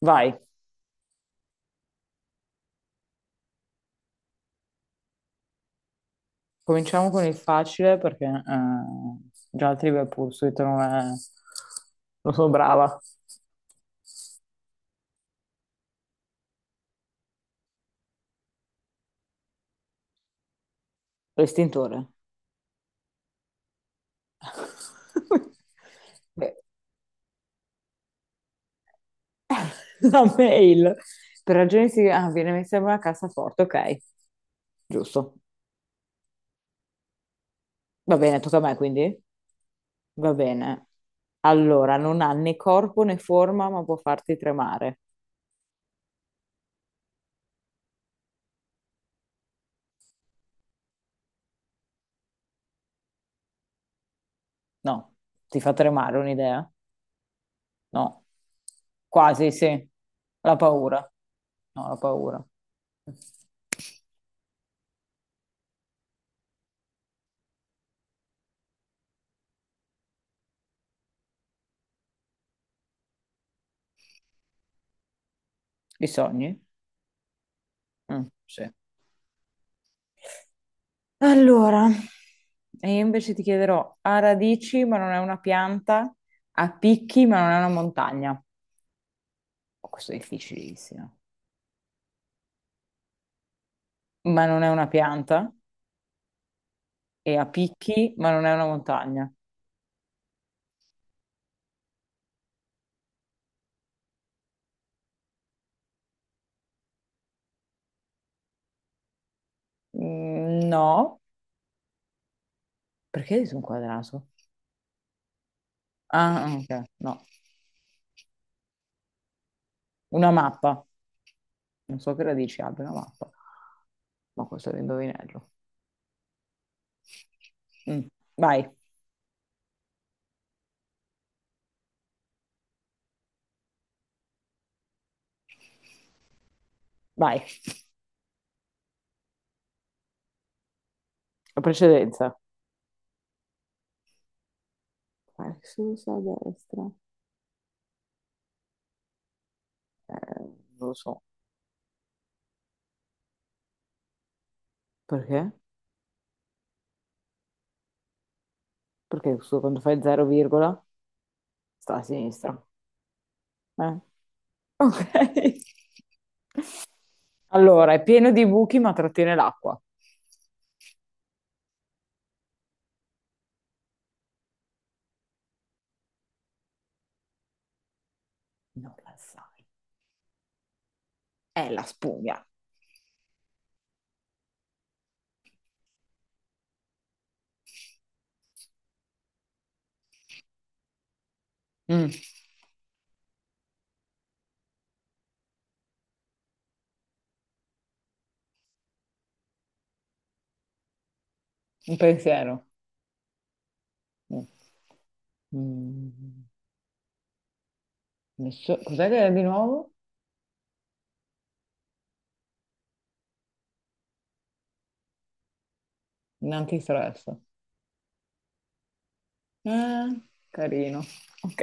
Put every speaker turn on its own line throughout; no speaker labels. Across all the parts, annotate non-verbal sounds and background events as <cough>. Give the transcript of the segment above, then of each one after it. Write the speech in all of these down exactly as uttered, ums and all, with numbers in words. Vai, cominciamo con il facile perché eh, già il Trivial Pursuit non è non sono brava. L'estintore. <laughs> Beh, la mail. Per ragioni di ah, viene messa in una cassaforte, ok. Giusto. Va bene, tocca a me quindi? Va bene. Allora, non ha né corpo né forma, ma può farti tremare. No, ti fa tremare un'idea? No, quasi sì. La paura. No, la paura. I sogni? Mm, sì. Allora, e io invece ti chiederò, ha radici ma non è una pianta, ha picchi ma non è una montagna. Oh, questo è difficilissimo. Ma non è una pianta e ha picchi ma non è una montagna. Mm, no, perché sono quadrato? Ah, ok, no. Una mappa. Non so che radici abbia una mappa, ma questo è un indovinello. Mm. Vai, vai. La precedenza. Vai, sinistra, destra. Eh, non lo so. Perché? Perché su- quando fai zero, virgola, sta a sinistra. Eh. <laughs> Ok. Allora, è pieno di buchi ma trattiene l'acqua. Non la sai. È la spugna. Mm, un pensiero. Mm. Mm. Nesso- Cos'è che è di nuovo? Un antistress. Eh, carino. Ok.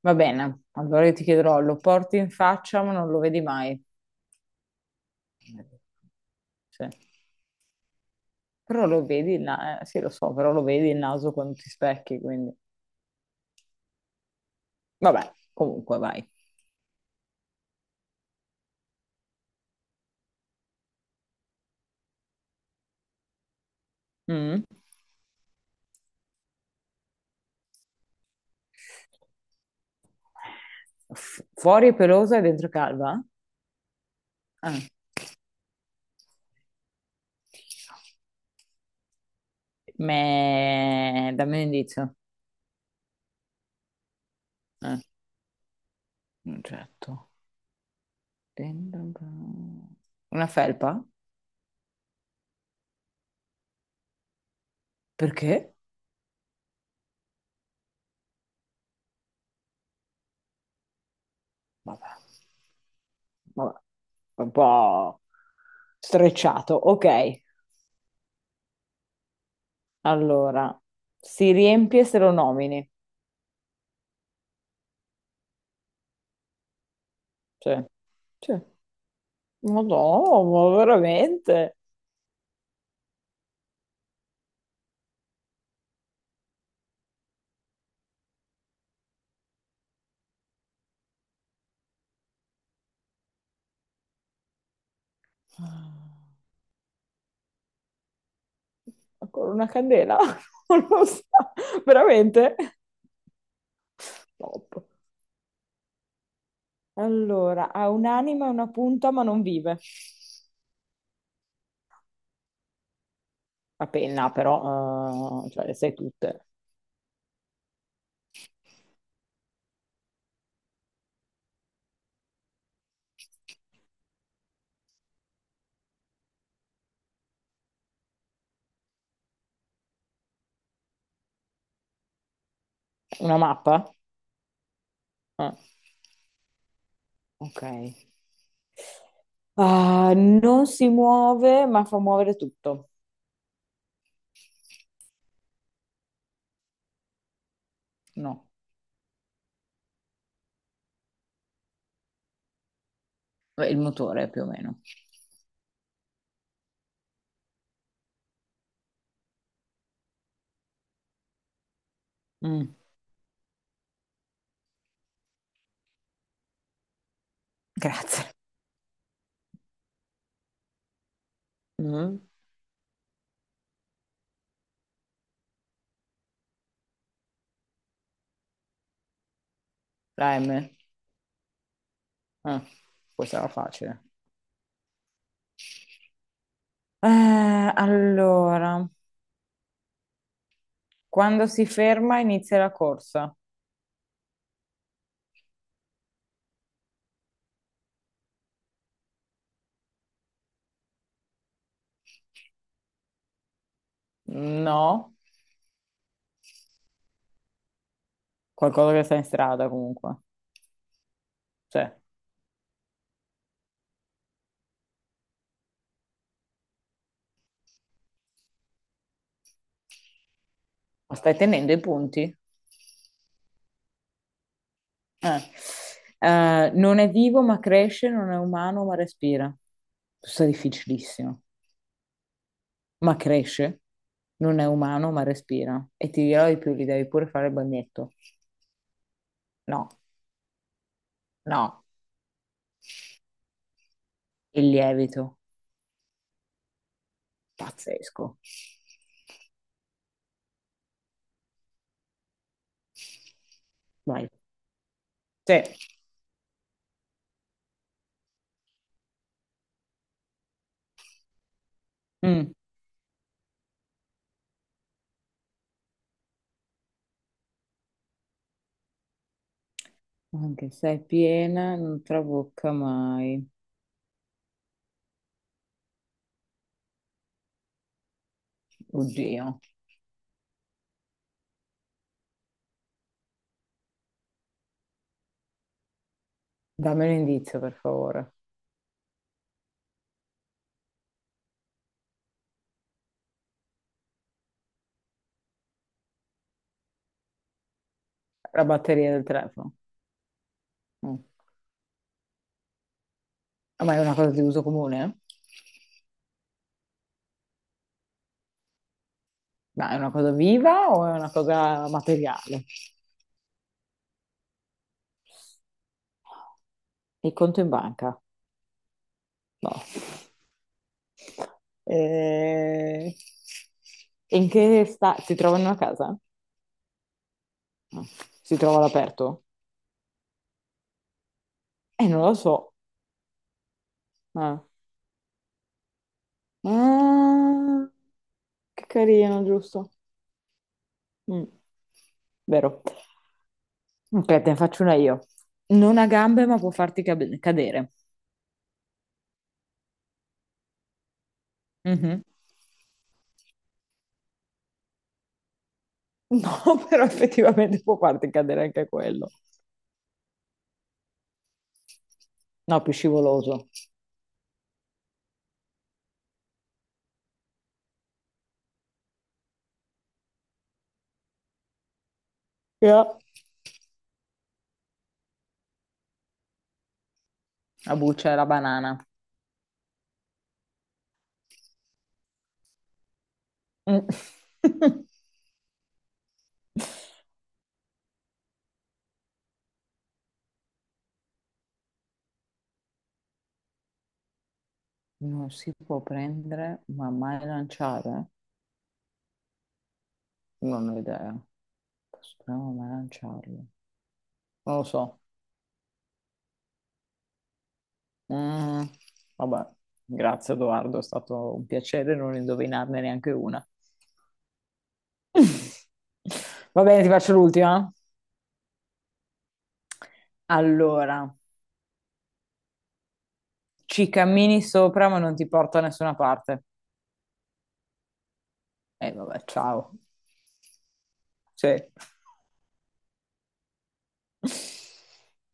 Va bene. Allora io ti chiederò, lo porti in faccia ma non lo vedi mai. Sì. Però lo vedi il na- eh, sì, lo so, però lo vedi il naso quando ti specchi, quindi vabbè, comunque vai. Mm. F- fuori è pelosa e dentro è calva? Ah. Me dammi un indizio. Eh, un oggetto. Dentro una felpa? Perché? Vabbè, vabbè, un po' strecciato. Ok, allora, si riempie se lo nomini. Sì, sì. Ma no, ma veramente? Ancora una candela? <laughs> Non lo so, veramente? Top. Allora, ha un'anima e una punta ma non vive. La penna però, eh, cioè le sai tutte. Una mappa? Eh. Ok. Ah, non si muove, ma fa muovere tutto. No, beh, il motore più o meno. Mm, grazie. Mhm. La M. Ah, questa era facile. Eh, allora, quando si ferma inizia la corsa. No, qualcosa che sta in strada comunque. Cioè, ma stai tenendo i punti? Eh. Eh, non è vivo ma cresce, non è umano ma respira. Questo è difficilissimo. Ma cresce, non è umano, ma respira. E ti dirò di più, gli devi pure fare il bagnetto. No, no, il lievito, pazzesco. Vai. Sì. Mm. Anche se è piena, non trabocca mai. Oddio. Dammi un indizio, per favore. La batteria del telefono. Mm. Ah, ma è una cosa di uso comune? Ma è una cosa viva o è una cosa materiale? Il conto in banca? No. Eh, in che sta si trova in una casa? No. Si trova all'aperto? Eh, non lo so. Ah. Ah, che carino, giusto? Mm, vero. Ok, te ne faccio una io. Non ha gambe, ma può farti cab- cadere. Mhm. No, <laughs> però effettivamente può farti cadere anche quello. No, più scivoloso. Yeah. La buccia e la banana. Mm. <laughs> Non si può prendere, ma mai lanciare? Non ho idea. Posso prendere, ma mai lanciarlo? Non lo so. Mm, vabbè, grazie Edoardo, è stato un piacere non indovinarne neanche una. <laughs> Va bene, ti faccio l'ultima. Allora, ci cammini sopra, ma non ti porta da nessuna parte. E vabbè, ciao. Sì. <laughs>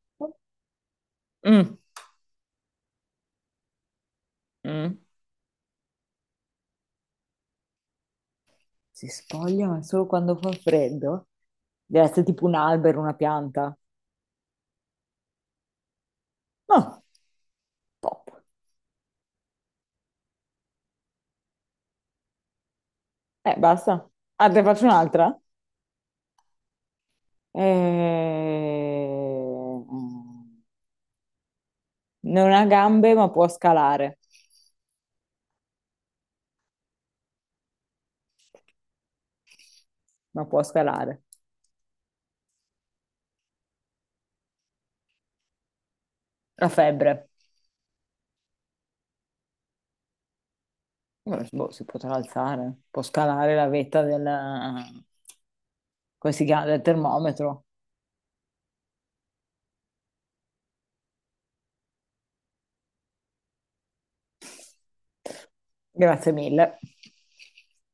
Mm. Mm. Si spoglia, ma solo quando fa freddo? Deve essere tipo un albero, una pianta. No, pop. Eh, basta. Ah, te faccio un'altra? Eh, Non ha gambe, ma può scalare. Ma può scalare. La febbre. Eh, boh, si potrà alzare. Può scalare la vetta del come si chiama? Del termometro. Grazie mille.